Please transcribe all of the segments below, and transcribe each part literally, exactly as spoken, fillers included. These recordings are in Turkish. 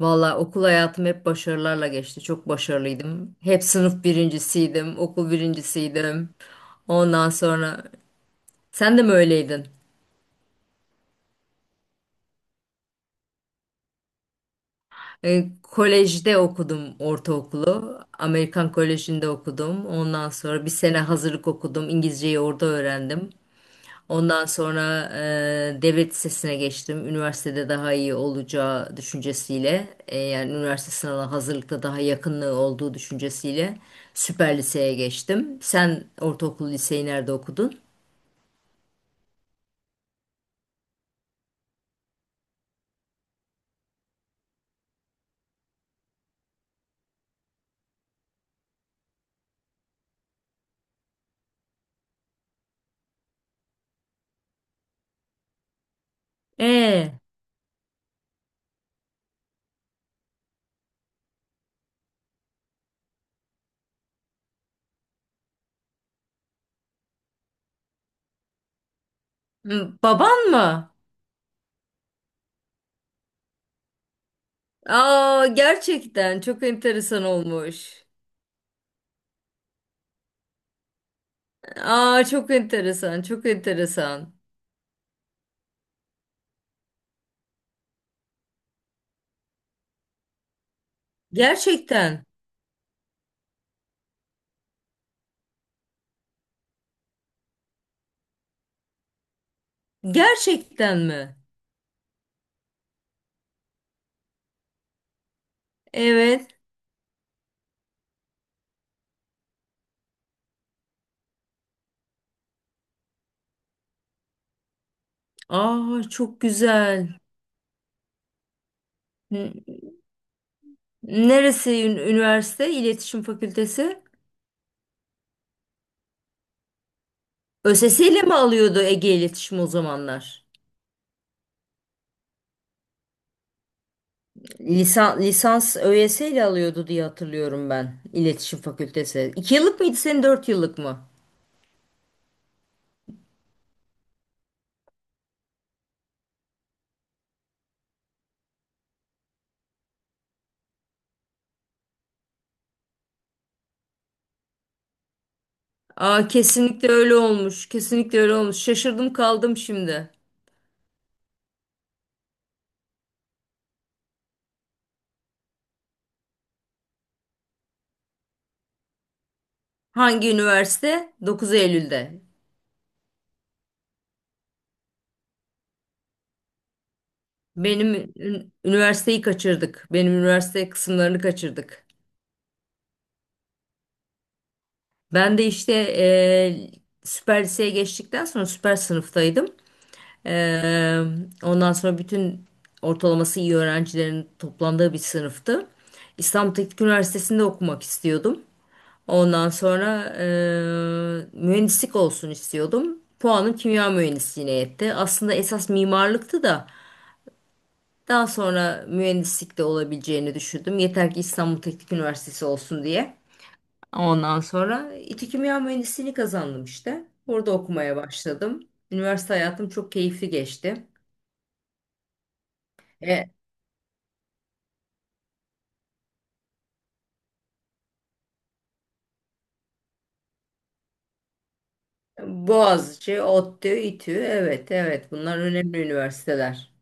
Valla okul hayatım hep başarılarla geçti. Çok başarılıydım. Hep sınıf birincisiydim, okul birincisiydim. Ondan sonra sen de mi öyleydin? E, kolejde okudum ortaokulu. Amerikan Koleji'nde okudum. Ondan sonra bir sene hazırlık okudum. İngilizceyi orada öğrendim. Ondan sonra e, devlet lisesine geçtim. Üniversitede daha iyi olacağı düşüncesiyle, e, yani üniversite sınavına hazırlıkta daha yakınlığı olduğu düşüncesiyle süper liseye geçtim. Sen ortaokul liseyi nerede okudun? E, m- baban mı? Aa, gerçekten çok enteresan olmuş. Aa, çok enteresan, çok enteresan. Gerçekten, gerçekten mi? Evet. Aa, çok güzel. Neresi ün- üniversite? İletişim Fakültesi. ÖSS ile mi alıyordu Ege İletişim o zamanlar? Lisan, lisans ÖSS ile alıyordu diye hatırlıyorum ben. İletişim Fakültesi. İki yıllık mıydı senin dört yıllık mı? Aa, kesinlikle öyle olmuş. Kesinlikle öyle olmuş. Şaşırdım kaldım şimdi. Hangi üniversite? Dokuz Eylül'de. Benim ün- üniversiteyi kaçırdık. Benim üniversite kısımlarını kaçırdık. Ben de işte eee, süper liseye geçtikten sonra süper sınıftaydım. Ee, ondan sonra bütün ortalaması iyi öğrencilerin toplandığı bir sınıftı. İstanbul Teknik Üniversitesi'nde okumak istiyordum. Ondan sonra e, mühendislik olsun istiyordum. Puanım kimya mühendisliğine yetti. Aslında esas mimarlıktı da daha sonra mühendislik de olabileceğini düşündüm. Yeter ki İstanbul Teknik Üniversitesi olsun diye. Ondan sonra İTÜ Kimya Mühendisliğini kazandım işte. Orada okumaya başladım. Üniversite hayatım çok keyifli geçti. E, Boğaziçi, ODTÜ, İTÜ. Evet, evet. Bunlar önemli üniversiteler.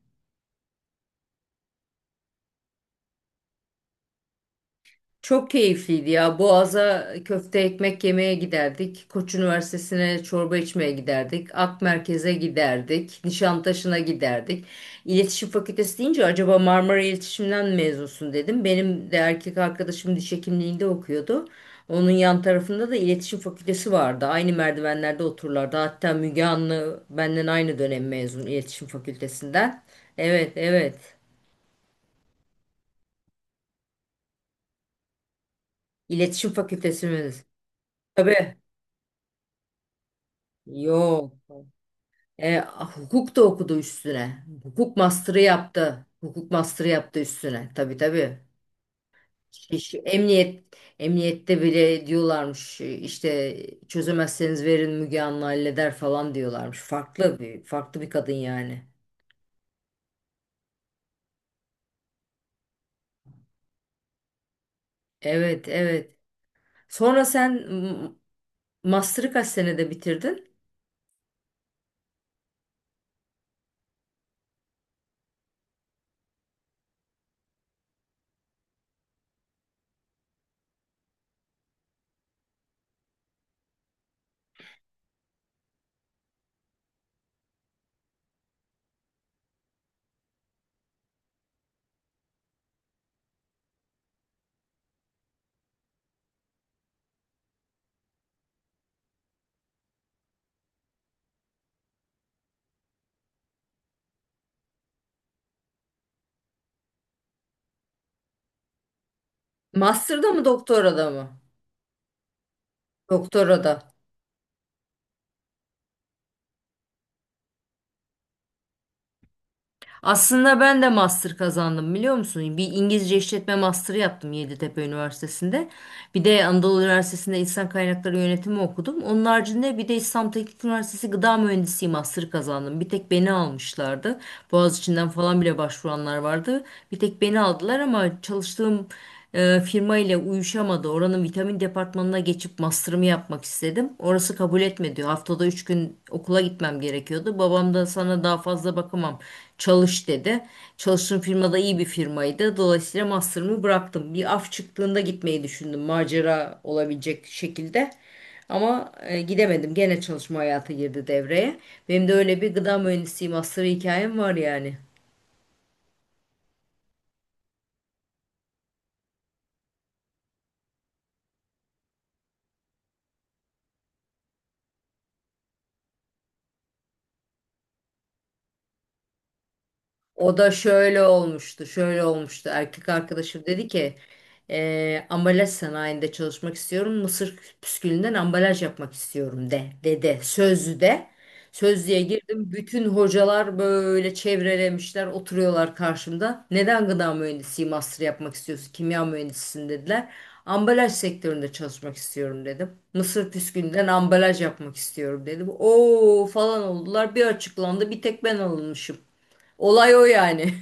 Çok keyifliydi ya. Boğaz'a köfte ekmek yemeye giderdik. Koç Üniversitesi'ne çorba içmeye giderdik. Ak Merkez'e giderdik. Nişantaşı'na giderdik. İletişim Fakültesi deyince acaba Marmara İletişim'den mezunsun dedim. Benim de erkek arkadaşım diş hekimliğinde okuyordu. Onun yan tarafında da İletişim Fakültesi vardı. Aynı merdivenlerde otururlardı. Hatta Müge Anlı benden aynı dönem mezun İletişim Fakültesinden. Evet, evet. İletişim Fakültesi mi? Tabii. Yok. E, hukuk da okudu üstüne. Hukuk master'ı yaptı. Hukuk master'ı yaptı üstüne. Tabii tabii. İş, emniyet emniyette bile diyorlarmış e, işte çözemezseniz verin Müge Anlı halleder falan diyorlarmış. Farklı bir farklı bir kadın yani. Evet evet. Sonra sen m- master'ı kaç senede bitirdin? Master'da mı doktorada mı? Doktorada. Aslında ben de master kazandım biliyor musun? Bir İngilizce işletme master'ı yaptım Yeditepe Üniversitesi'nde. Bir de Anadolu Üniversitesi'nde İnsan Kaynakları Yönetimi okudum. Onun haricinde bir de İstanbul Teknik Üniversitesi Gıda Mühendisliği master'ı kazandım. Bir tek beni almışlardı. Boğaziçi'nden falan bile başvuranlar vardı. Bir tek beni aldılar ama çalıştığım e, firma ile uyuşamadı. Oranın vitamin departmanına geçip master'ımı yapmak istedim. Orası kabul etmedi. Haftada üç gün okula gitmem gerekiyordu. Babam da sana daha fazla bakamam. Çalış dedi. Çalıştığım firmada iyi bir firmaydı. Dolayısıyla master'ımı bıraktım. Bir af çıktığında gitmeyi düşündüm. Macera olabilecek şekilde. Ama e, gidemedim. Gene çalışma hayatı girdi devreye. Benim de öyle bir gıda mühendisliği master hikayem var yani. O da şöyle olmuştu, şöyle olmuştu. Erkek arkadaşım dedi ki, "Eee, ambalaj sanayinde çalışmak istiyorum. Mısır püskülünden ambalaj yapmak istiyorum de," dedi. Sözlü de. Sözlüğe girdim. Bütün hocalar böyle çevrelemişler, oturuyorlar karşımda. Neden gıda mühendisliği master yapmak istiyorsun? Kimya mühendisisin dediler. Ambalaj sektöründe çalışmak istiyorum dedim. Mısır püskülünden ambalaj yapmak istiyorum dedim. Oo falan oldular. Bir açıklandı. Bir tek ben alınmışım. Olay o yani.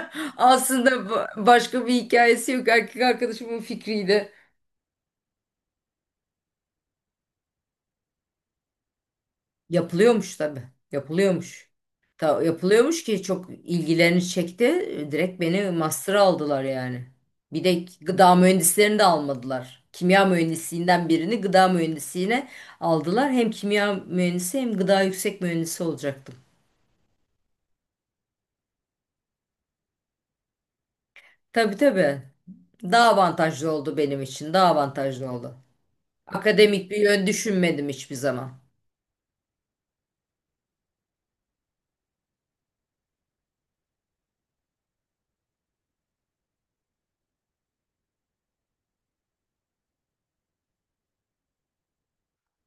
Aslında ba- başka bir hikayesi yok. Erkek arkadaşımın fikriydi. Yapılıyormuş tabii. Yapılıyormuş. Ta, yapılıyormuş ki çok ilgilerini çekti. Direkt beni master'a aldılar yani. Bir de gıda mühendislerini de almadılar. Kimya mühendisliğinden birini gıda mühendisliğine aldılar. Hem kimya mühendisi hem gıda yüksek mühendisi olacaktım. Tabii tabii. Daha avantajlı oldu benim için. Daha avantajlı oldu. Akademik bir yön düşünmedim hiçbir zaman.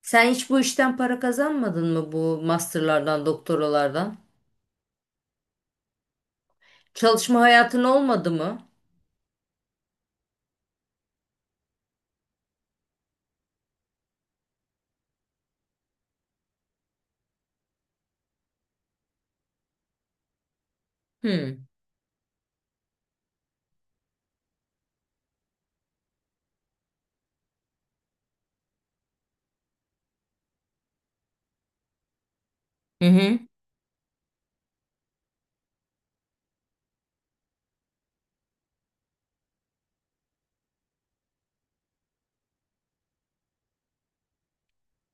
Sen hiç bu işten para kazanmadın mı bu masterlardan, doktoralardan? Çalışma hayatın olmadı mı? Hmm. Hı hı.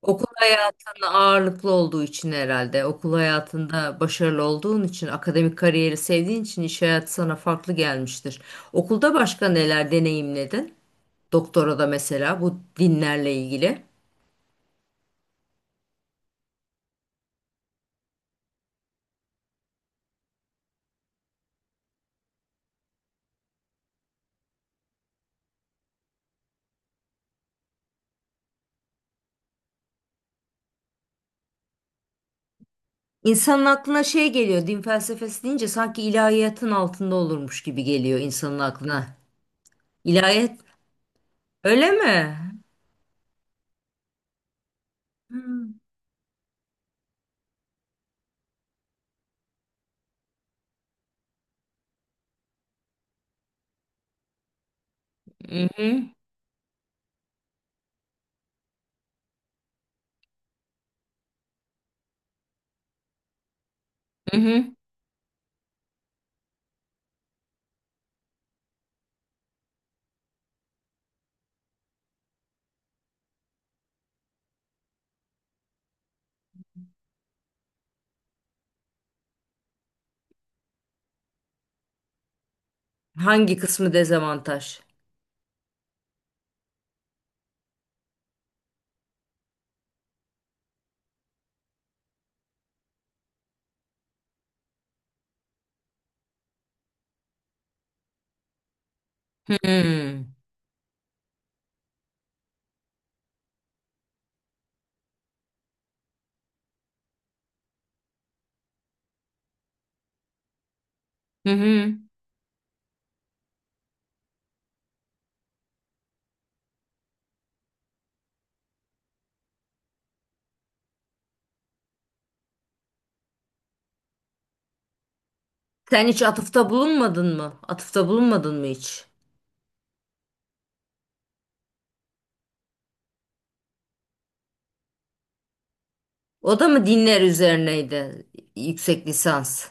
Okul hayatında ağırlıklı olduğu için herhalde. Okul hayatında başarılı olduğun için, akademik kariyeri sevdiğin için iş hayatı sana farklı gelmiştir. Okulda başka neler deneyimledin? Doktora da mesela bu dinlerle ilgili. İnsanın aklına şey geliyor, din felsefesi deyince sanki ilahiyatın altında olurmuş gibi geliyor insanın aklına. İlahiyat öyle mi? Hmm. Hı hı. Hı hı. Hangi kısmı dezavantaj? Hı hı. Hı. Hı. Sen hiç atıfta bulunmadın mı? Atıfta bulunmadın mı hiç? O da mı dinler üzerineydi yüksek lisans?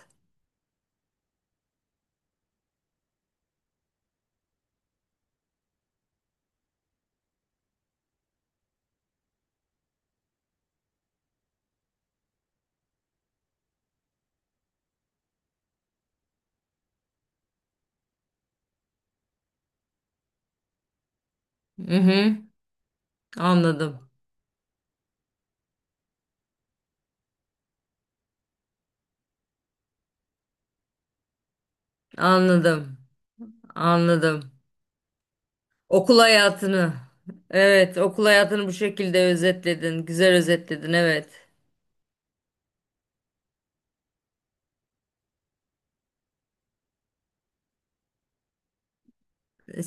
Hı hı. Anladım. Anladım. Anladım. Okul hayatını. Evet, okul hayatını bu şekilde özetledin. Güzel özetledin, evet.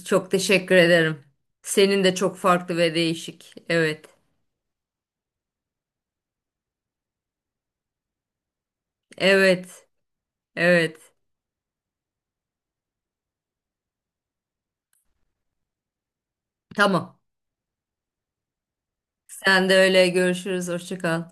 Çok teşekkür ederim. Senin de çok farklı ve değişik. Evet. Evet. Evet. Tamam. Sen de öyle görüşürüz. Hoşça kal.